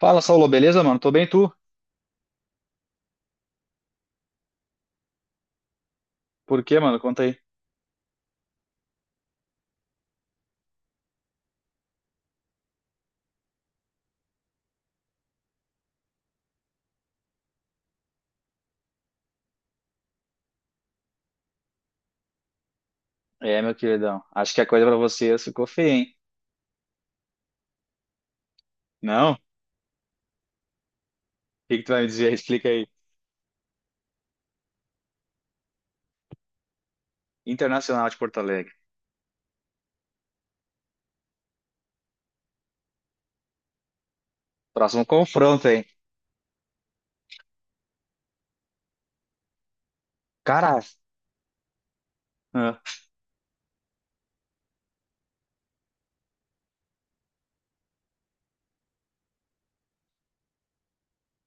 Fala, Saulo, beleza, mano? Tô bem, tu? Por quê, mano? Conta aí. É, meu queridão, acho que a coisa pra você ficou feia, hein? Não? O que que tu vai me dizer? Explica aí. Internacional de Porto Alegre. Próximo confronto, hein? Cara, ah,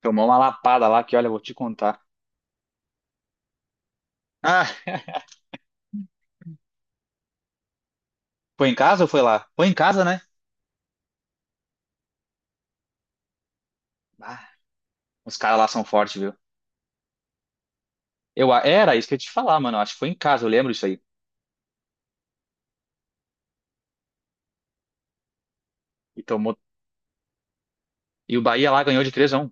tomou uma lapada lá que, olha, eu vou te contar. Ah, foi em casa ou foi lá? Foi em casa, né? Ah, os caras lá são fortes, viu? Eu, era isso que eu ia te falar, mano. Acho que foi em casa, eu lembro isso aí. E tomou. E o Bahia lá ganhou de 3-1.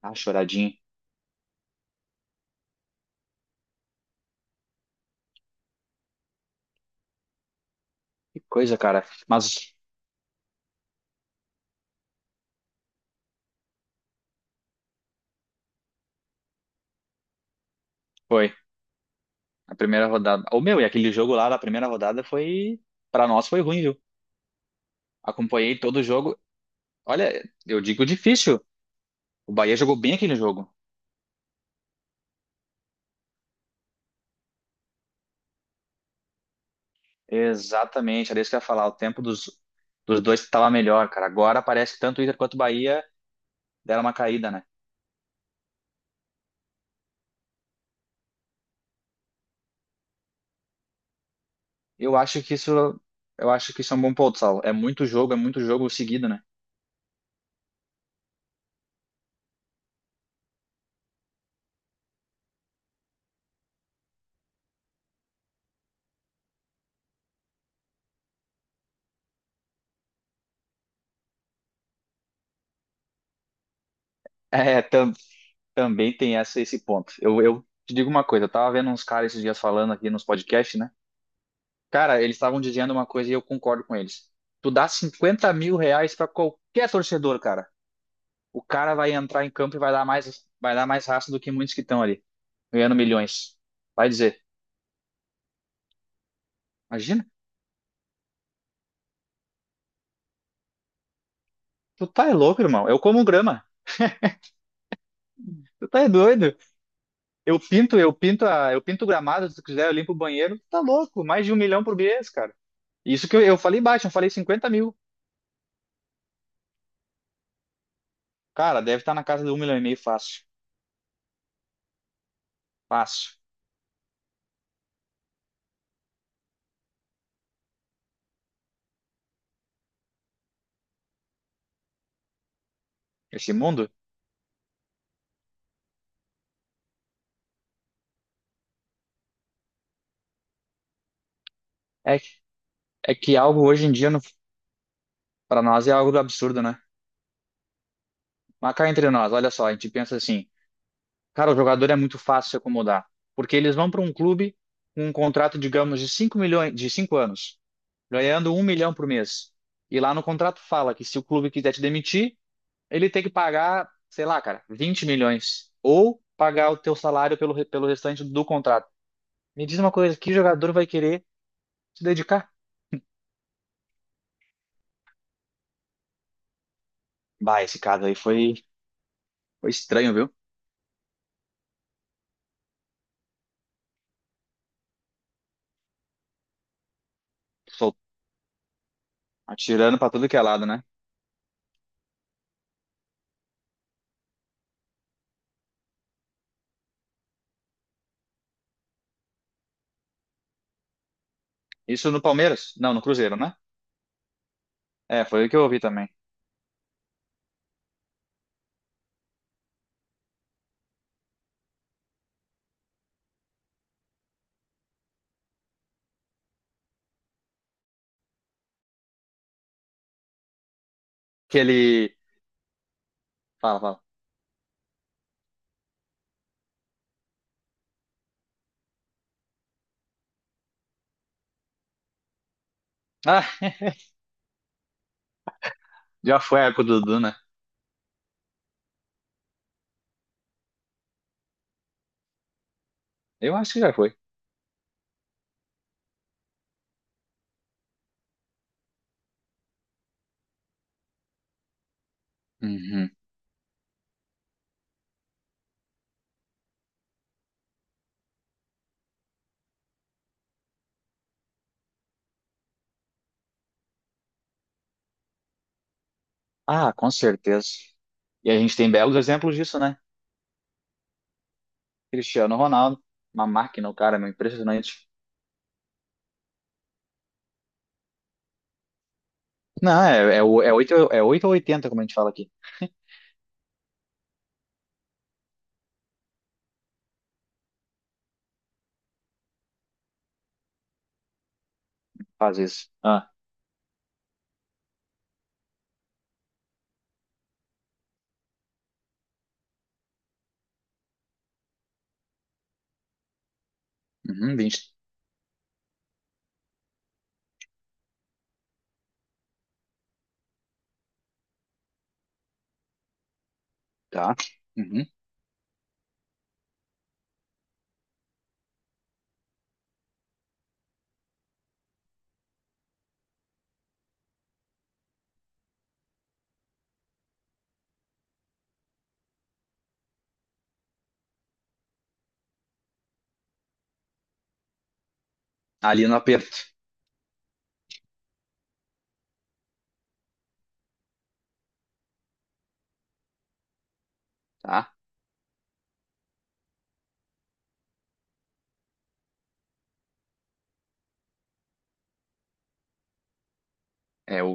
Ah, choradinho. Que coisa, cara. Mas foi. A primeira rodada. Ô, meu, e aquele jogo lá da primeira rodada foi. Pra nós foi ruim, viu? Acompanhei todo o jogo. Olha, eu digo difícil. O Bahia jogou bem aquele jogo. Exatamente, era isso que eu ia falar. O tempo dos dois estava melhor, cara. Agora parece que tanto o Inter quanto o Bahia deram uma caída, né? Eu acho que isso. Eu acho que isso é um bom ponto, Saulo. É muito jogo seguido, né? É, também tem essa, esse ponto. Eu te digo uma coisa, eu tava vendo uns caras esses dias falando aqui nos podcasts, né? Cara, eles estavam dizendo uma coisa e eu concordo com eles. Tu dá 50 mil reais pra qualquer torcedor, cara. O cara vai entrar em campo e vai dar mais raça do que muitos que estão ali, ganhando milhões. Vai dizer, imagina, tu tá é louco, irmão. Eu como grama. Tu tá é doido. Eu pinto o gramado, se tu quiser, eu limpo o banheiro. Tu tá louco. Mais de um milhão por mês, cara. Isso que eu falei baixo, eu falei 50 mil. Cara, deve estar na casa de um milhão e meio fácil. Fácil. Esse mundo é, é que algo hoje em dia, para nós, é algo absurdo, né? Mas cá entre nós, olha só, a gente pensa assim, cara, o jogador é muito fácil se acomodar, porque eles vão para um clube com um contrato, digamos, de 5 milhões, de 5 anos, ganhando um milhão por mês. E lá no contrato fala que se o clube quiser te demitir, ele tem que pagar, sei lá, cara, 20 milhões ou pagar o teu salário pelo restante do contrato. Me diz uma coisa, que jogador vai querer se dedicar? Bah, esse caso aí foi estranho, viu? Sol- Atirando para tudo que é lado, né? Isso no Palmeiras? Não, no Cruzeiro, né? É, foi o que eu ouvi também. Que ele. Fala, fala. Ah, já foi a época do Dudu, né? Eu acho que já foi. Uhum. Ah, com certeza. E a gente tem belos exemplos disso, né? Cristiano Ronaldo, uma máquina, o cara, meu, impressionante. Não, 8 é 8 ou 80, como a gente fala aqui. Faz isso. Ah, uhum, 20, tá. Uhum. Ali no aperto, tá? É o,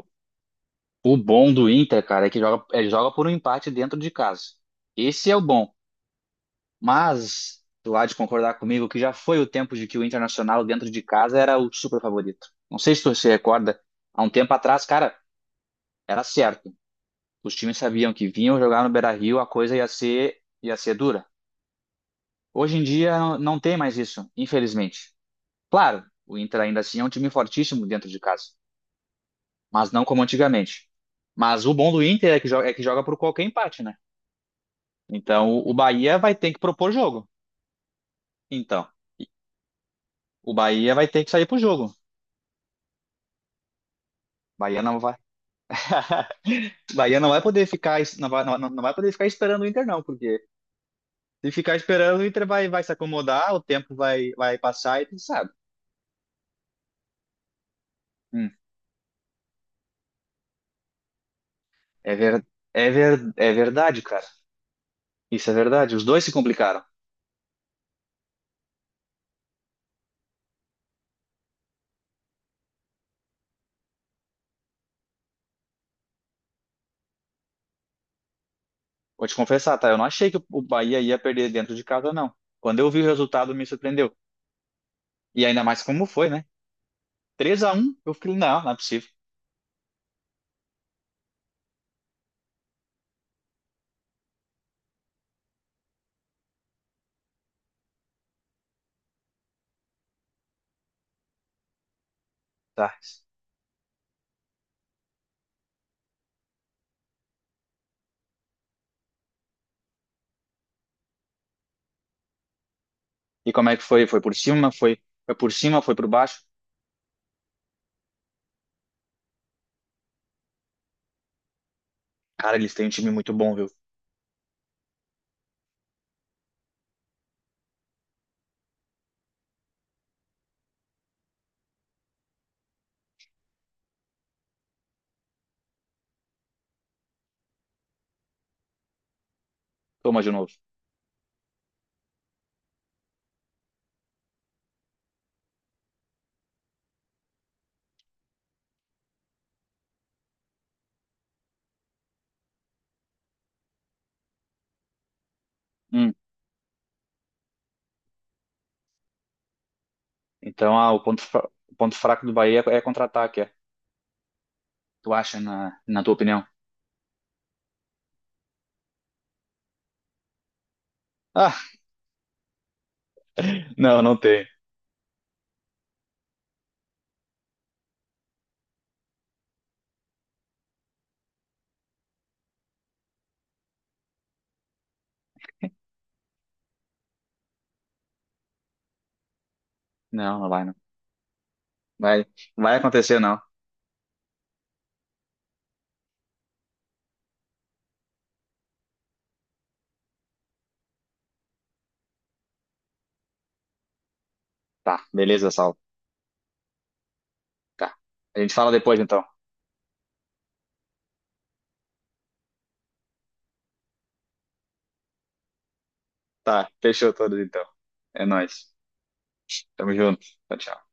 o bom do Inter, cara, é que joga, joga por um empate dentro de casa. Esse é o bom. Mas tu há de concordar comigo que já foi o tempo de que o Internacional dentro de casa era o super favorito. Não sei se tu se recorda, há um tempo atrás, cara, era certo. Os times sabiam que vinham jogar no Beira-Rio, a coisa ia ser dura. Hoje em dia não tem mais isso, infelizmente. Claro, o Inter ainda assim é um time fortíssimo dentro de casa, mas não como antigamente. Mas o bom do Inter é que joga, por qualquer empate, né? Então o Bahia vai ter que propor jogo. Então, o Bahia vai ter que sair pro jogo. O Bahia não vai Bahia não vai poder ficar, não vai, não, não vai poder ficar esperando o Inter, não, porque se ficar esperando, o Inter vai se acomodar, o tempo vai passar e tu sabe. Hum, é ver, é verdade, cara. Isso é verdade. Os dois se complicaram. Vou te confessar, tá? Eu não achei que o Bahia ia perder dentro de casa, não. Quando eu vi o resultado, me surpreendeu. E ainda mais como foi, né? 3-1, eu falei, não, não é possível. Tá. E como é que foi? Foi por cima, foi por cima, foi por baixo. Cara, eles têm um time muito bom, viu? Toma de novo. Hum. Então, ah, o ponto, o ponto fraco do Bahia é contra-ataque, é. Tu acha, na tua opinião? Ah, não, não tem. Não, não vai, não. Vai, vai acontecer, não. Tá, beleza, Saulo. Tá. A gente fala depois, então. Tá, fechou todos, então. É nóis. Tamo junto. Tchau, tchau.